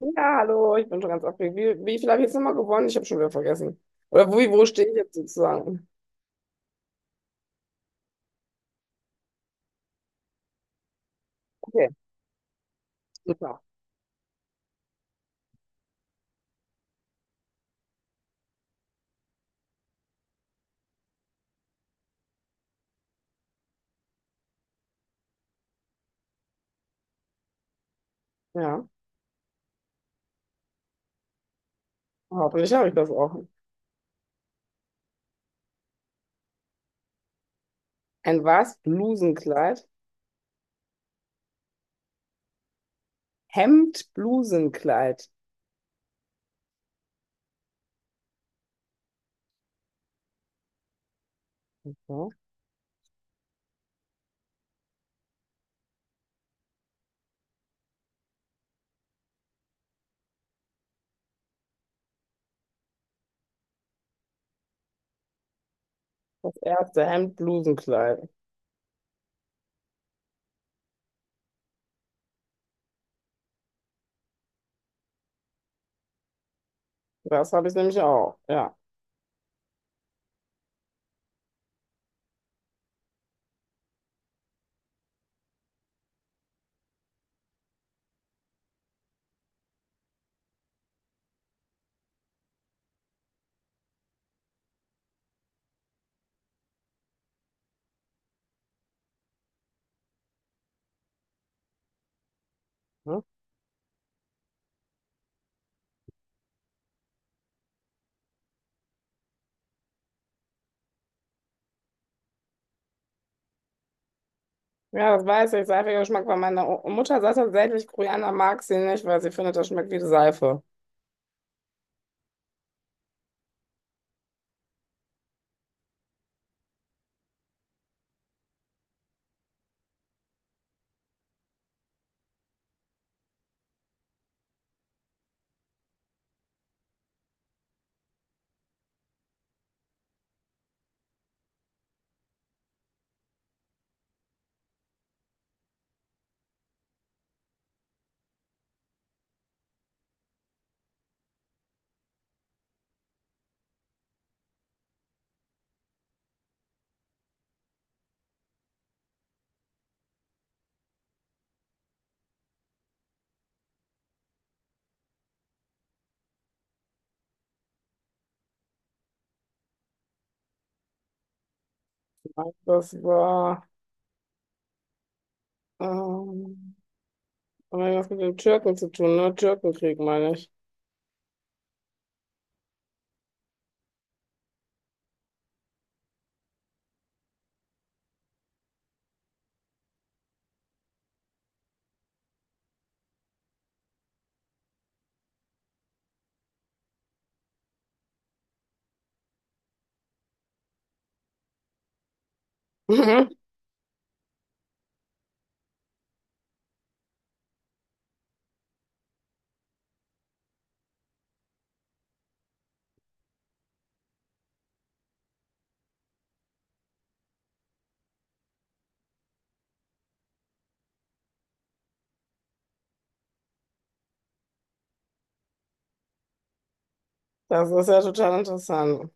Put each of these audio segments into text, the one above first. Ja, hallo, ich bin schon ganz aufgeregt. Wie viel habe ich jetzt nochmal gewonnen? Ich habe schon wieder vergessen. Oder wo stehe ich jetzt sozusagen? Okay, super. Ja, hoffentlich habe ich das auch. Ein was? Blusenkleid? Hemd, Blusenkleid. Ja, das erste Hemd, Blusenkleid. Das habe ich nämlich auch. Ja. Hm? Ja, das weiß ich. Seifiger Geschmack war meiner Mutter. Sagt tatsächlich, Koreaner mag sie nicht, weil sie findet, das schmeckt wie Seife. Das war, ähm, hat das mit dem Türken zu tun, ne? Türkenkrieg meine ich. Das ist ja total interessant.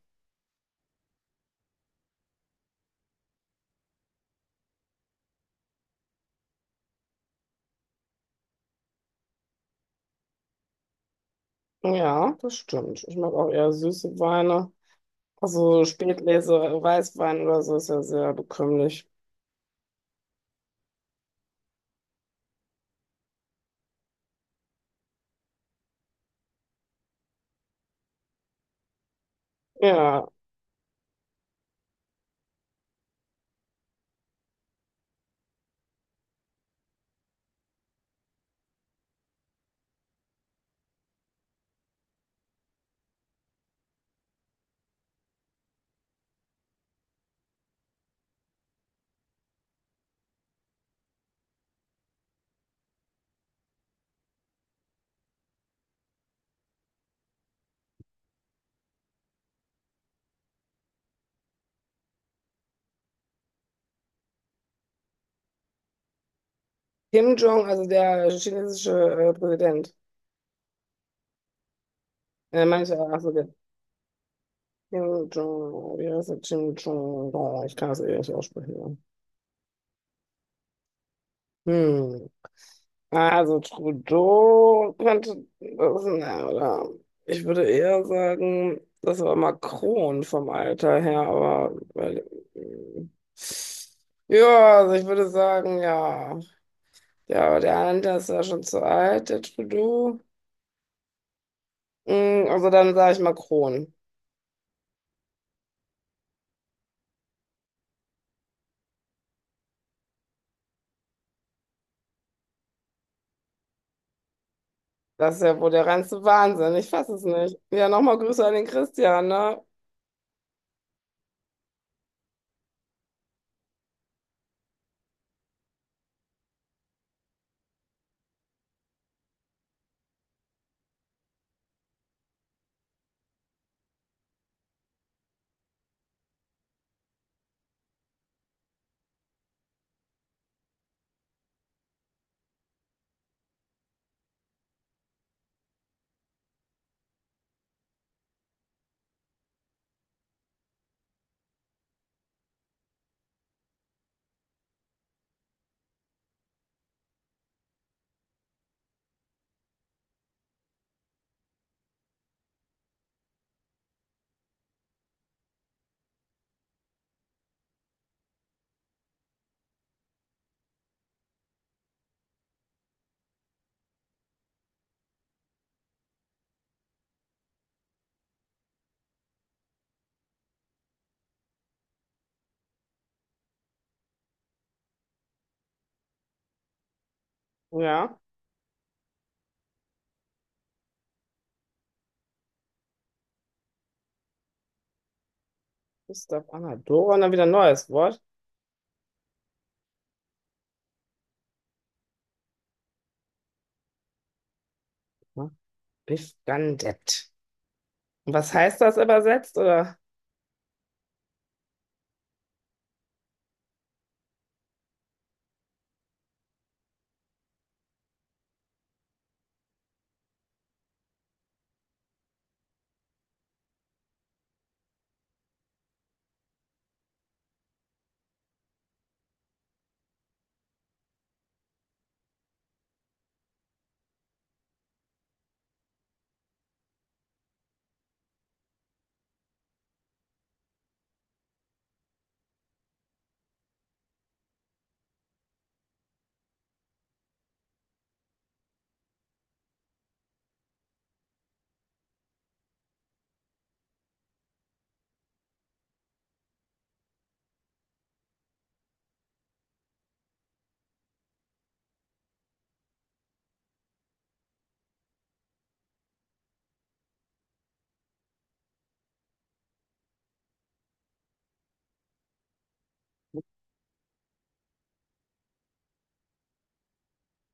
Ja, das stimmt. Ich mag auch eher süße Weine. Also Spätlese, Weißwein oder so ist ja sehr bekömmlich. Ja, Kim Jong, also der chinesische Präsident. Manche, achso, der Kim Jong, wie heißt der? Kim Jong, oh, ich kann das eh nicht aussprechen. Ja. Hm. Also Trudeau könnte das, na, oder ich würde eher sagen, das war Macron vom Alter her, aber mm, ja, also ich würde sagen, ja. Ja, aber der andere ist ja schon zu alt, der Trudeau. Also dann sage ich Macron. Das ist ja wohl der reinste Wahnsinn. Ich fasse es nicht. Ja, nochmal Grüße an den Christian, ne? Ja. Gustav Anador und dann wieder ein neues Wort. Bifgandet. Was heißt das übersetzt? Oder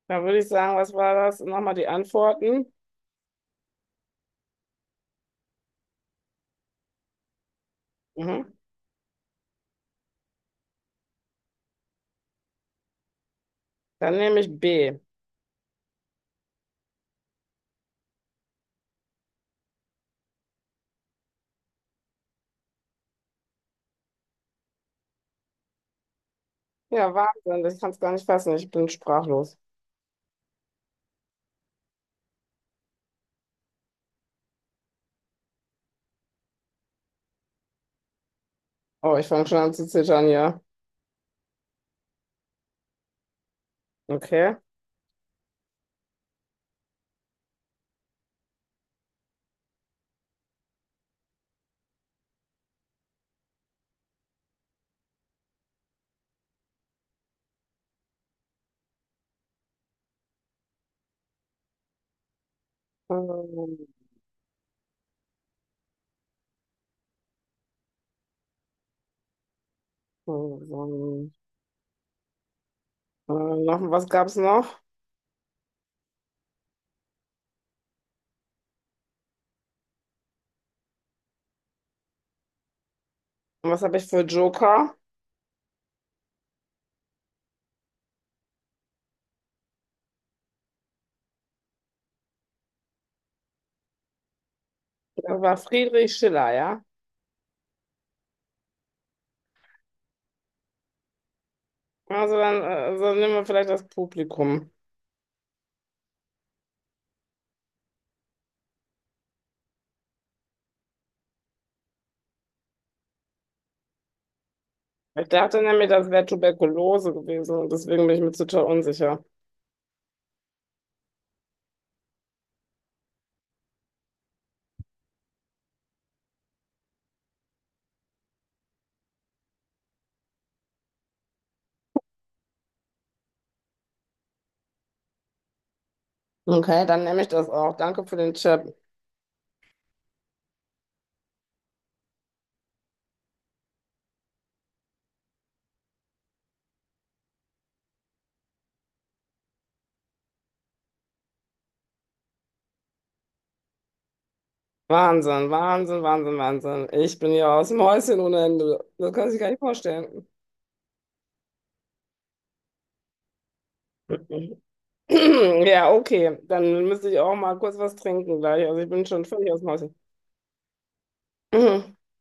da würde ich sagen, was war das? Nochmal die Antworten. Mhm. Dann nehme ich B. Ja, Wahnsinn, ich kann es gar nicht fassen. Ich bin sprachlos. Oh, ich fange schon an zu zittern, ja. Okay. Ähm, ähm, noch, was gab es noch? Was habe ich für Joker? Das war Friedrich Schiller, ja. Also dann so nehmen wir vielleicht das Publikum. Ich dachte nämlich, das wäre Tuberkulose gewesen und deswegen bin ich mir total unsicher. Okay, dann nehme ich das auch. Danke für den Tipp. Wahnsinn, Wahnsinn, Wahnsinn, Wahnsinn. Ich bin ja aus dem Häuschen ohne Ende. Das kann ich gar nicht vorstellen. Ja, okay. Dann müsste ich auch mal kurz was trinken gleich. Also ich bin schon völlig aus dem Häuschen.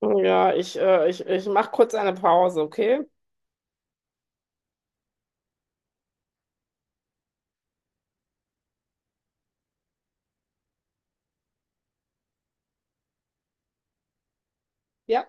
Mhm. Ja, ich mache kurz eine Pause, okay? Ja.